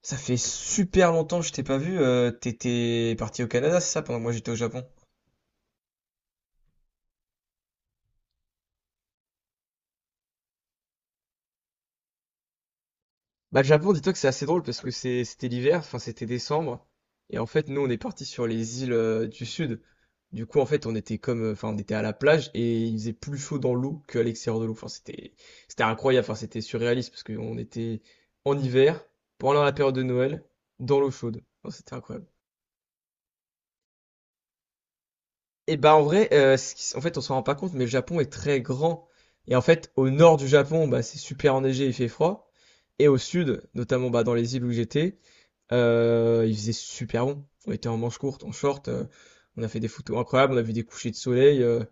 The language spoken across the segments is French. Ça fait super longtemps que je t'ai pas vu. T'étais parti au Canada, c'est ça, pendant que moi j'étais au Japon? Bah, le Japon, dis-toi que c'est assez drôle parce que c'était l'hiver, enfin c'était décembre, et en fait nous on est parti sur les îles du sud. Du coup en fait on était comme, enfin on était à la plage et il faisait plus chaud dans l'eau qu'à l'extérieur de l'eau. Enfin c'était incroyable, enfin c'était surréaliste parce qu'on était en hiver pendant la période de Noël dans l'eau chaude. Enfin, c'était incroyable. Et bah en vrai, en fait, on s'en rend pas compte, mais le Japon est très grand. Et en fait, au nord du Japon, bah, c'est super enneigé, il fait froid. Et au sud, notamment bah, dans les îles où j'étais, il faisait super bon. On était en manche courte, en short, on a fait des photos incroyables, on a vu des couchers de soleil.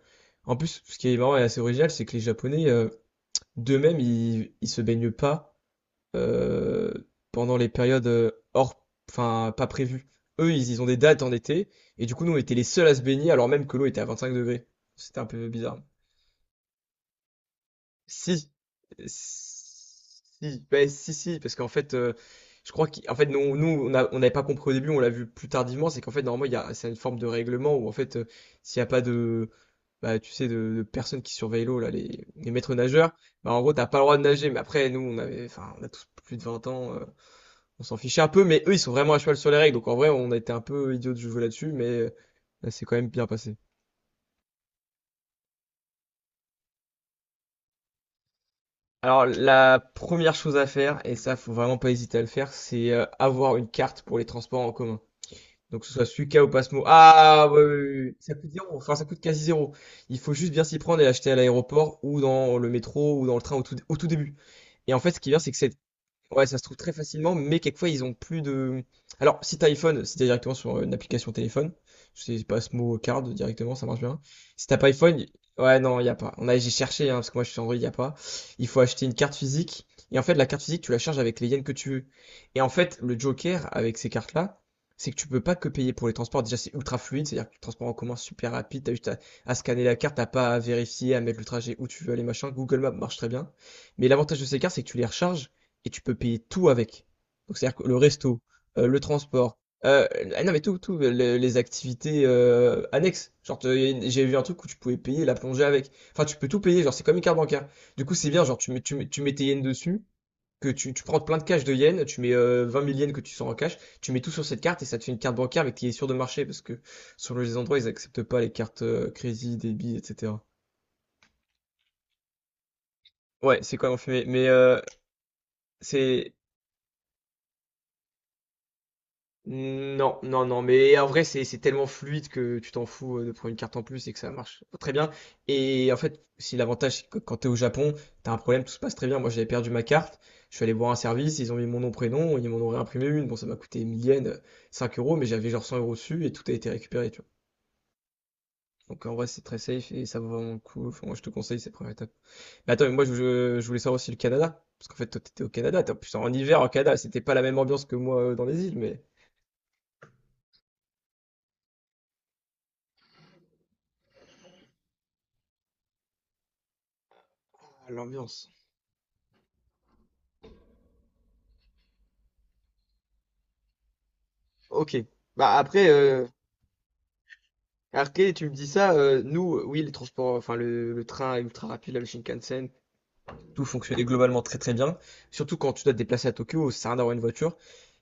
En plus, ce qui est marrant et assez original, c'est que les Japonais, d'eux-mêmes, ils se baignent pas euh, pendant les périodes enfin, pas prévues. Eux, ils ont des dates en été, et du coup, nous, on était les seuls à se baigner, alors même que l'eau était à 25 degrés. C'était un peu bizarre. Si, si, ben, si, si, parce qu'en fait, je crois qu'en fait, on n'avait pas compris au début, on l'a vu plus tardivement, c'est qu'en fait, normalement, c'est une forme de règlement où, en fait, s'il n'y a pas de, bah, tu sais, de personnes qui surveillent l'eau, là, les maîtres nageurs, bah, en gros, t'as pas le droit de nager, mais après, nous, enfin, on a tous plus de 20 ans, on s'en fichait un peu, mais eux, ils sont vraiment à cheval sur les règles. Donc en vrai, on a été un peu idiots de jouer là-dessus, mais là, c'est quand même bien passé. Alors la première chose à faire, et ça, faut vraiment pas hésiter à le faire, c'est avoir une carte pour les transports en commun. Donc que ce soit Suica ou Pasmo. Ah ouais, ouais, ouais, ouais. Ça coûte zéro, enfin ça coûte quasi zéro. Il faut juste bien s'y prendre et l'acheter à l'aéroport ou dans le métro ou dans le train au tout début. Et en fait, ce qui vient, c'est que cette… Ouais, ça se trouve très facilement, mais quelquefois ils ont plus de… Alors, si t'as iPhone, si t'es directement sur une application téléphone, je sais pas ce mot card directement, ça marche bien. Si t'as pas iPhone, ouais, non, il y a pas. J'ai cherché, hein, parce que moi je suis sur Android, il y a pas. Il faut acheter une carte physique, et en fait, la carte physique, tu la charges avec les yens que tu veux. Et en fait, le joker avec ces cartes-là, c'est que tu peux pas que payer pour les transports. Déjà, c'est ultra fluide, c'est-à-dire que le transport en commun c'est super rapide, à scanner la carte, t'as pas à vérifier, à mettre le trajet où tu veux aller, machin. Google Maps marche très bien. Mais l'avantage de ces cartes, c'est que tu les recharges et tu peux payer tout avec. Donc, c'est-à-dire que le resto, le transport, euh, ah non mais tout, tout, les activités annexes. Genre, j'ai vu un truc où tu pouvais payer la plongée avec. Enfin, tu peux tout payer, genre, c'est comme une carte bancaire. Du coup, c'est bien, genre, tu mets tes yens dessus, que tu prends plein de cash de yens, tu mets 20 000 yens que tu sors en cash, tu mets tout sur cette carte et ça te fait une carte bancaire mais qui est sûre de marcher parce que sur les endroits, ils acceptent pas les cartes crédit, débit, etc. Ouais, c'est quand même fait. Mais c'est non, non, non, mais en vrai, c'est tellement fluide que tu t'en fous de prendre une carte en plus et que ça marche très bien. Et en fait, si l'avantage, c'est que quand t'es au Japon, t'as un problème, tout se passe très bien. Moi, j'avais perdu ma carte, je suis allé voir un service, ils ont mis mon nom, prénom, ils m'en ont réimprimé une. Bon, ça m'a coûté 1000 yens, 5 euros, mais j'avais genre 100 euros dessus et tout a été récupéré, tu vois. Donc en vrai, c'est très safe et ça vaut vraiment le coup. Enfin, moi, je te conseille ces premières étapes. Mais attends, mais moi, je voulais savoir aussi le Canada. Parce qu'en fait, toi, t'étais au Canada, t'es en plus en hiver au Canada, c'était pas la même ambiance que moi dans les îles, mais… Ah, l'ambiance. Ok. Bah après, après, tu me dis ça, nous, oui, les transports, enfin le train ultra rapide, là, le Shinkansen, tout fonctionnait globalement très très bien. Surtout quand tu dois te déplacer à Tokyo, ça sert à rien d'avoir une voiture.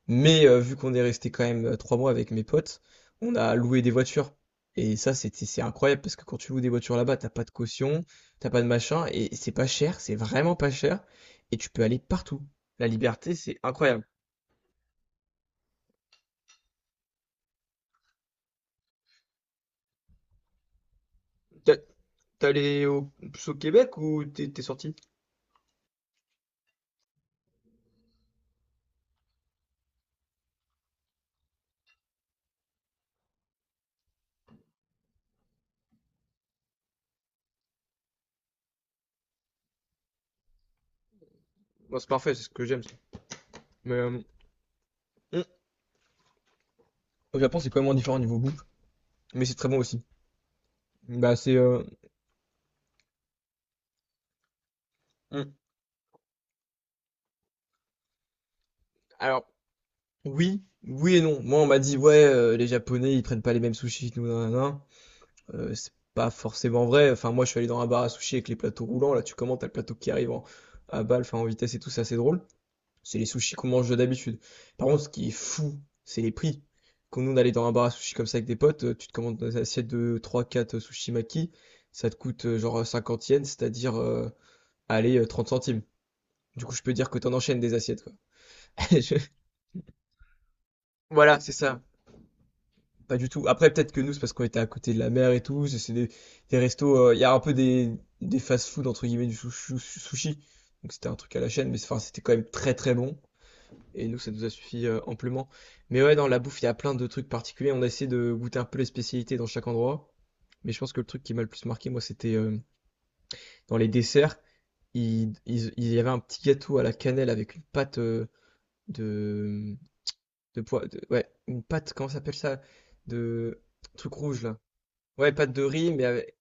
Mais vu qu'on est resté quand même 3 mois avec mes potes, on a loué des voitures. Et ça, c'est incroyable parce que quand tu loues des voitures là-bas, t'as pas de caution, t'as pas de machin, et c'est pas cher, c'est vraiment pas cher, et tu peux aller partout. La liberté, c'est incroyable. T'as- T'es allé au Québec ou t'es sorti? Moi, c'est parfait, c'est ce que j'aime. Mais hmm, au Japon, c'est complètement différent niveau bouffe, mais c'est très bon aussi. Bah, c'est. euh, hmm, Alors, oui, oui et non. Moi, on m'a dit, ouais, les Japonais, ils prennent pas les mêmes sushis que nous, nanana. C'est pas forcément vrai. Enfin, moi, je suis allé dans un bar à sushis avec les plateaux roulants. Là, tu commandes, t'as le plateau qui arrive à balle, enfin, en vitesse et tout, c'est assez drôle. C'est les sushis qu'on mange d'habitude. Par contre, ce qui est fou, c'est les prix. Quand nous, on allait dans un bar à sushis comme ça avec des potes, tu te commandes des assiettes de trois quatre sushis maki. Ça te coûte genre 50 yens, 30 centimes. Du coup, je peux dire que t'en enchaînes des assiettes, quoi. Je- Voilà, c'est ça. Pas du tout. Après, peut-être que nous, c'est parce qu'on était à côté de la mer et tout. C'est des restos. Il y a un peu des fast-food, entre guillemets, du sushi. Donc, c'était un truc à la chaîne, enfin, c'était quand même très très bon. Et nous, ça nous a suffi amplement. Mais ouais, dans la bouffe, il y a plein de trucs particuliers. On a essayé de goûter un peu les spécialités dans chaque endroit. Mais je pense que le truc qui m'a le plus marqué, moi, c'était dans les desserts. Il y avait un petit gâteau à la cannelle avec une pâte de, ouais, une pâte, comment ça s'appelle ça? De truc rouge là. Ouais, pâte de riz, mais avec…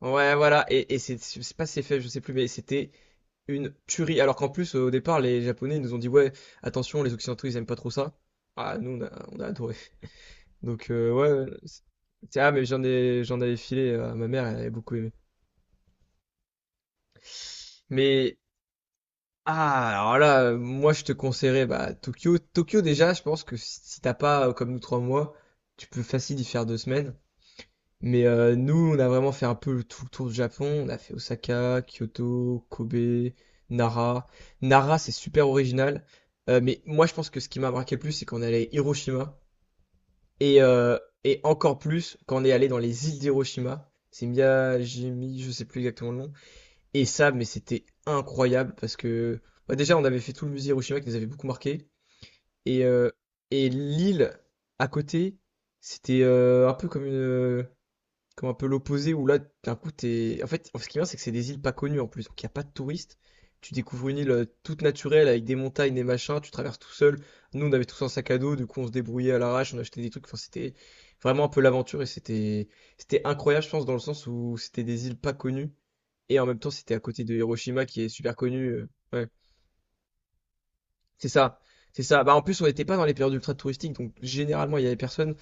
Ouais, voilà. Et c'est, je sais pas si c'est fait, je sais plus, mais c'était une tuerie. Alors qu'en plus, au départ, les Japonais nous ont dit, ouais, attention, les Occidentaux, ils aiment pas trop ça. Ah, nous, on a adoré. Donc, ouais, ah, mais j'en avais filé à ma mère, elle avait beaucoup aimé. Mais, ah, alors là, moi, je te conseillerais, bah, Tokyo. Tokyo, déjà, je pense que si t'as pas, comme nous, trois mois, tu peux facile y faire 2 semaines. Mais nous, on a vraiment fait un peu tout le tour du Japon. On a fait Osaka, Kyoto, Kobe, Nara. Nara, c'est super original. Mais moi, je pense que ce qui m'a marqué le plus, c'est qu'on est allé à Hiroshima. Et, euh, et encore plus, quand on est allé dans les îles d'Hiroshima. C'est Miyajimi, je sais plus exactement le nom. Et ça, mais c'était incroyable parce que bah, déjà, on avait fait tout le musée Hiroshima qui nous avait beaucoup marqué. Et, euh, et l'île à côté, c'était un peu comme une comme un peu l'opposé où là d'un coup t'es en fait ce qui est bien c'est que c'est des îles pas connues en plus donc il n'y a pas de touristes tu découvres une île toute naturelle avec des montagnes des machins tu traverses tout seul nous on avait tous un sac à dos du coup on se débrouillait à l'arrache on achetait des trucs enfin c'était vraiment un peu l'aventure et c'était c'était incroyable je pense dans le sens où c'était des îles pas connues et en même temps c'était à côté de Hiroshima qui est super connu ouais. C'est ça, c'est ça. Bah, en plus, on n'était pas dans les périodes ultra touristiques, donc généralement, il y avait personne.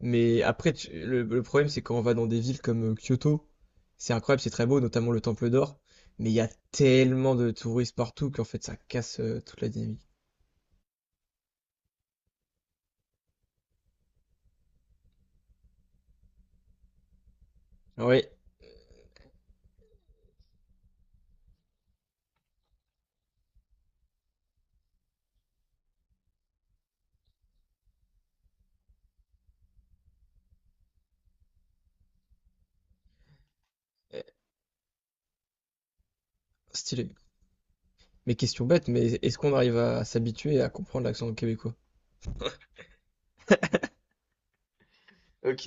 Mais après, le problème, c'est quand on va dans des villes comme Kyoto, c'est incroyable, c'est très beau, notamment le Temple d'Or. Mais il y a tellement de touristes partout qu'en fait, ça casse toute la dynamique. Oui, stylé. Mais question bête, mais est-ce qu'on arrive à s'habituer à comprendre l'accent québécois? Ok,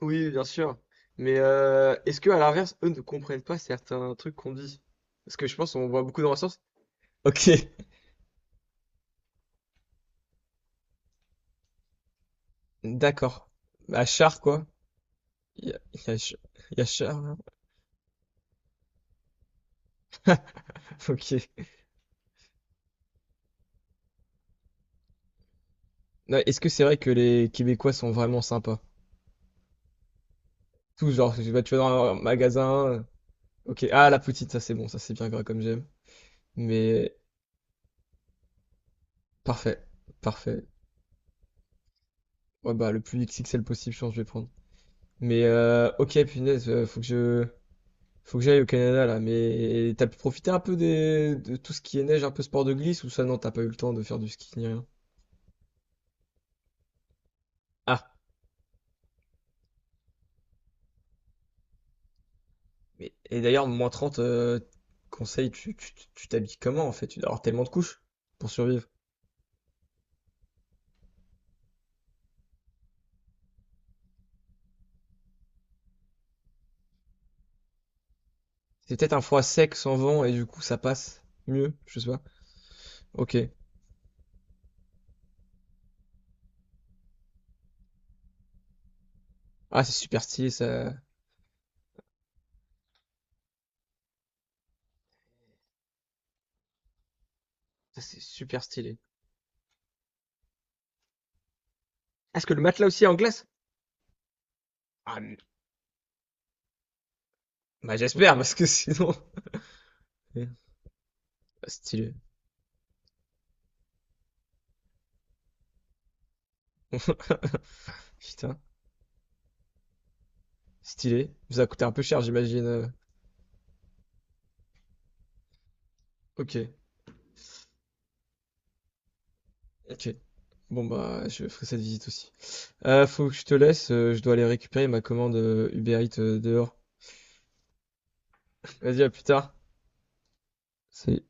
oui, bien sûr. Mais est-ce que à l'inverse, eux ne comprennent pas certains trucs qu'on dit? Parce que je pense qu'on voit beaucoup dans la sens. Ok, d'accord. À Char, quoi. Il y a, il y a Ch- il y a Char, hein. Ok. Non, est-ce que c'est vrai que les Québécois sont vraiment sympas? Tout genre, tu vas dans un magasin. Ok. Ah, la poutine, ça c'est bon, ça c'est bien gras comme j'aime. Mais parfait. Parfait. Ouais, bah, le plus XXL possible, je pense, que je vais prendre. Mais ok, punaise, faut que je… Faut que j'aille au Canada là, mais t'as pu profiter un peu des… de tout ce qui est neige, un peu sport de glisse ou ça non, t'as pas eu le temps de faire du ski ni rien. Ah, et d'ailleurs, -30 conseils, tu t'habilles comment en fait? Tu dois avoir tellement de couches pour survivre. C'est peut-être un froid sec sans vent et du coup ça passe mieux, je sais pas. Ok. Ah, c'est super stylé ça. Ça, c'est super stylé. Est-ce que le matelas aussi est en glace? Ah, m- bah j'espère parce que sinon. Merde. Ah, stylé. Putain, stylé. Ça a coûté un peu cher, j'imagine. Ok, ok. Bon bah je ferai cette visite aussi. Faut que je te laisse, je dois aller récupérer ma commande Uber Eats dehors. Vas-y, à plus tard. C'est